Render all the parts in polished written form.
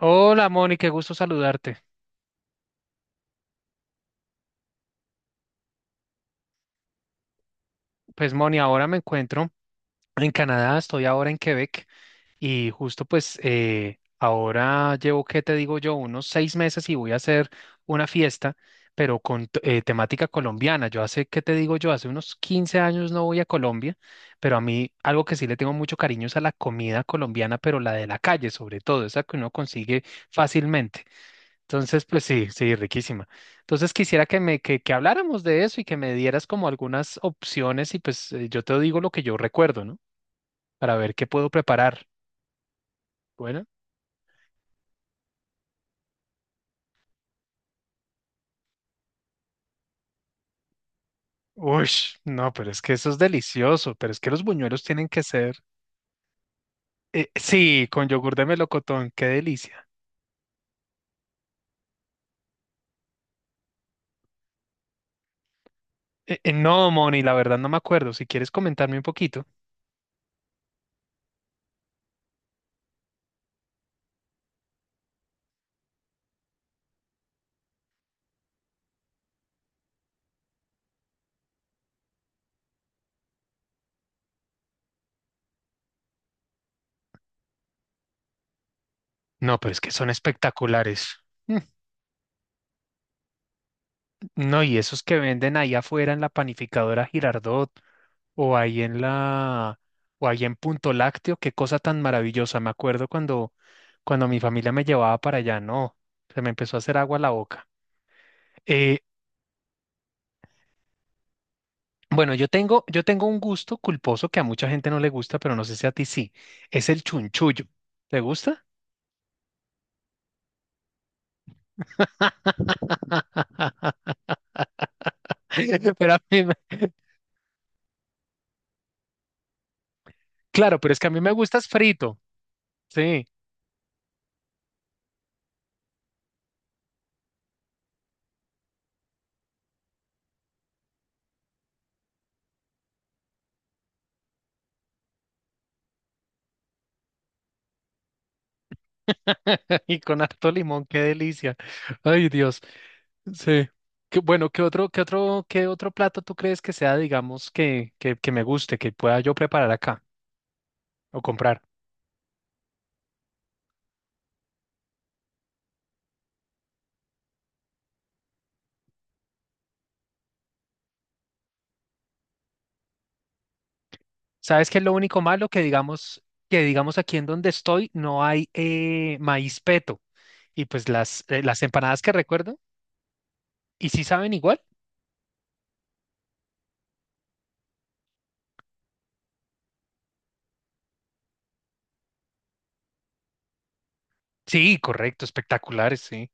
Hola Moni, qué gusto saludarte. Pues Moni, ahora me encuentro en Canadá, estoy ahora en Quebec y justo pues ahora llevo, ¿qué te digo yo? Unos 6 meses y voy a hacer una fiesta, pero con temática colombiana. Yo hace, ¿qué te digo yo? Hace unos 15 años no voy a Colombia, pero a mí algo que sí le tengo mucho cariño es a la comida colombiana, pero la de la calle sobre todo, esa que uno consigue fácilmente. Entonces, pues sí, sí, riquísima. Entonces quisiera que habláramos de eso y que me dieras como algunas opciones y pues yo te digo lo que yo recuerdo, ¿no? Para ver qué puedo preparar. Bueno, uy, no, pero es que eso es delicioso, pero es que los buñuelos tienen que ser, sí, con yogur de melocotón, qué delicia. No, Moni, la verdad no me acuerdo. Si quieres comentarme un poquito. No, pero es que son espectaculares. Mm, no, y esos que venden ahí afuera en la panificadora Girardot. o ahí en la, o ahí en Punto Lácteo, qué cosa tan maravillosa. Cuando mi familia me llevaba para allá, no, se me empezó a hacer agua la boca. Eh, bueno, yo tengo un gusto culposo que a mucha gente no le gusta, pero no sé si a ti sí. Es el chunchullo. ¿Te gusta? Pero a mí me- Claro, pero es que a mí me gusta es frito, sí, y con harto limón, qué delicia. Ay, Dios. Sí. Qué, bueno, ¿qué otro plato tú crees que sea, digamos, que me guste, que pueda yo preparar acá o comprar? ¿Sabes qué es lo único malo? Que digamos aquí en donde estoy no hay maíz peto. Y pues las empanadas que recuerdo, ¿y sí saben igual? Sí, correcto, espectaculares, sí.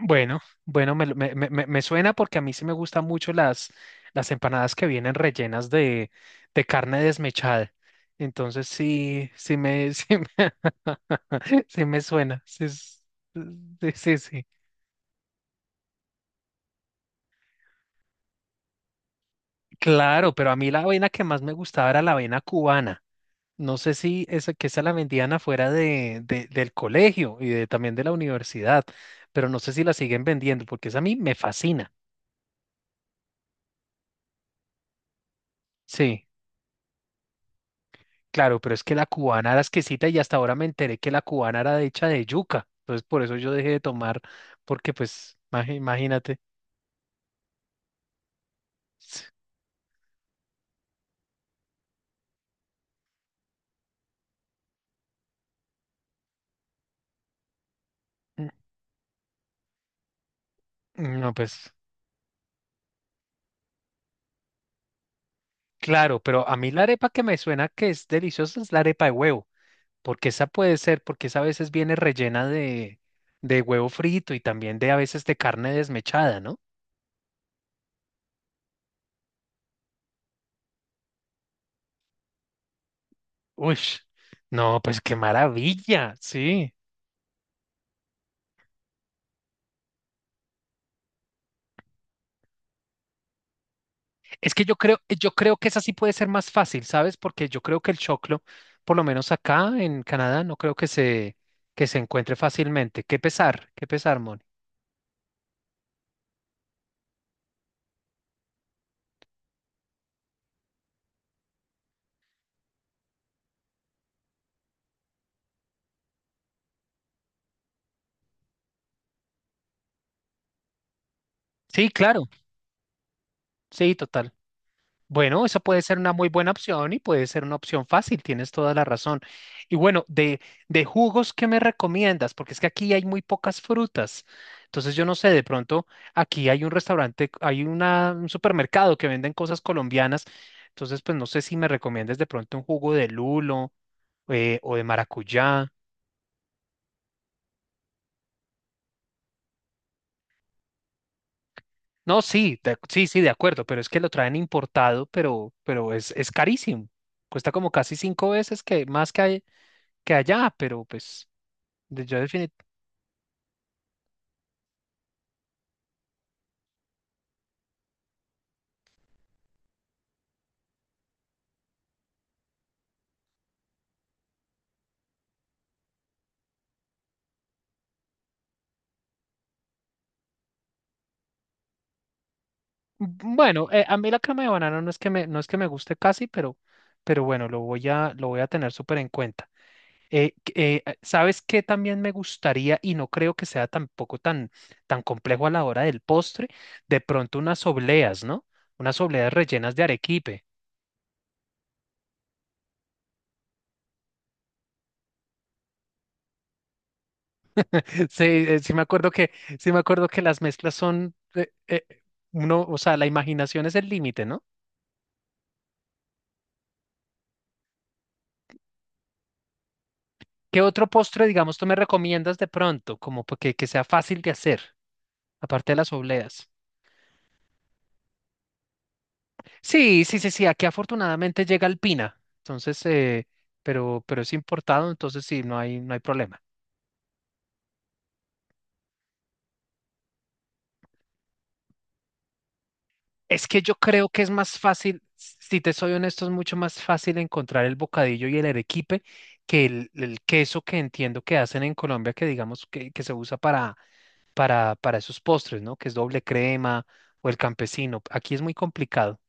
Bueno, me suena porque a mí sí me gustan mucho las empanadas que vienen rellenas de carne desmechada. Entonces sí, sí me, sí me, sí me suena. Sí, sí, sí. Claro, pero a mí la avena que más me gustaba era la avena cubana. No sé si esa, que esa la vendían afuera del colegio y también de la universidad, pero no sé si la siguen vendiendo porque esa a mí me fascina. Sí. Claro, pero es que la cubana era exquisita y hasta ahora me enteré que la cubana era hecha de yuca. Entonces por eso yo dejé de tomar, porque pues, imagínate. Mm, no, pues, claro, pero a mí la arepa que me suena que es deliciosa es la arepa de huevo, porque esa puede ser, porque esa a veces viene rellena de huevo frito y también de a veces de carne desmechada, ¿no? Uy, no, pues qué maravilla, sí. Es que yo creo que esa sí puede ser más fácil, ¿sabes? Porque yo creo que el choclo, por lo menos acá en Canadá, no creo que se encuentre fácilmente. Qué pesar, Moni. Sí, claro, sí, total. Bueno, eso puede ser una muy buena opción y puede ser una opción fácil, tienes toda la razón. Y bueno, de jugos, ¿qué me recomiendas? Porque es que aquí hay muy pocas frutas. Entonces yo no sé, de pronto aquí hay un restaurante, hay un supermercado que venden cosas colombianas. Entonces, pues no sé si me recomiendas de pronto un jugo de lulo o de maracuyá. No, sí, de- Sí, sí, de acuerdo, pero es que lo traen importado, pero es carísimo. Cuesta como casi 5 veces que más que, que allá, pero pues... De yo definit- Bueno, a mí la crema de banano no es que me, no es que me guste casi, pero bueno, lo voy a tener súper en cuenta. ¿Sabes qué también me gustaría y no creo que sea tampoco tan, tan complejo a la hora del postre? De pronto unas obleas, ¿no? Unas obleas rellenas de arequipe. Sí me acuerdo que, sí me acuerdo que las mezclas son, uno, o sea, la imaginación es el límite, ¿no? ¿Qué otro postre, digamos, tú me recomiendas de pronto, como porque que sea fácil de hacer? Aparte de las obleas. Sí, sí, sí, sí, aquí afortunadamente llega alpina, entonces, pero es importado, entonces sí, no hay problema. Es que yo creo que es más fácil, si te soy honesto, es mucho más fácil encontrar el bocadillo y el arequipe que el queso que entiendo que hacen en Colombia, que se usa para, para esos postres, ¿no? Que es doble crema o el campesino. Aquí es muy complicado.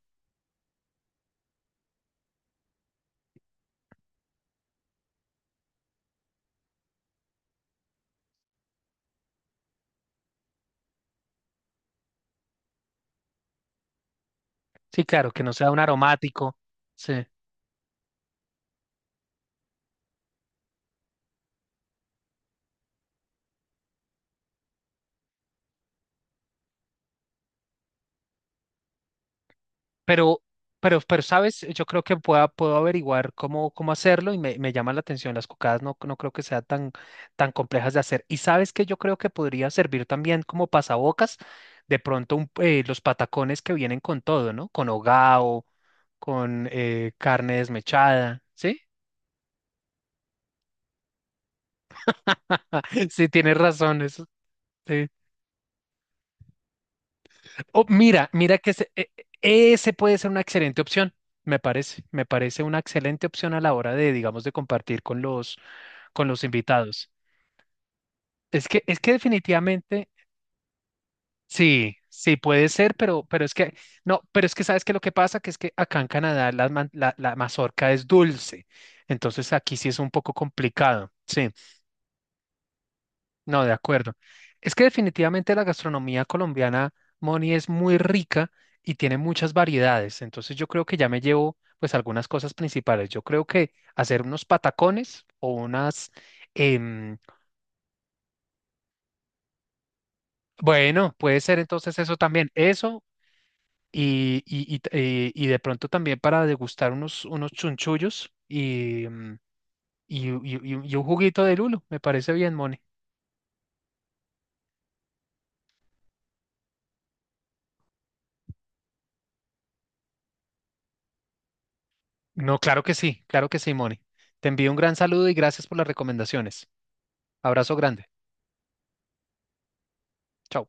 Sí, claro, que no sea un aromático. Sí. Pero, pero, ¿sabes? Yo creo que puedo averiguar cómo, cómo hacerlo y me llama la atención. Las cocadas no, no creo que sean tan, tan complejas de hacer. Y sabes que yo creo que podría servir también como pasabocas, de pronto los patacones que vienen con todo, ¿no? Con hogao, con carne desmechada, ¿sí? Sí, tienes razón, eso. Sí. Oh, mira, mira que ese puede ser una excelente opción, me parece. Me parece una excelente opción a la hora de, digamos, de compartir con los invitados. Es que definitivamente, sí, sí puede ser, pero es que, no, pero es que sabes que lo que pasa, que es que acá en Canadá la, la mazorca es dulce, entonces aquí sí es un poco complicado, sí, no, de acuerdo. Es que definitivamente la gastronomía colombiana, Moni, es muy rica y tiene muchas variedades, entonces yo creo que ya me llevo pues algunas cosas principales. Yo creo que hacer unos patacones o unas... em, bueno, puede ser entonces eso también, eso y de pronto también para degustar unos, unos chunchullos y, mm, y un juguito de lulo. Me parece bien, Moni. No, claro que sí, Moni. Te envío un gran saludo y gracias por las recomendaciones. Abrazo grande. Chao.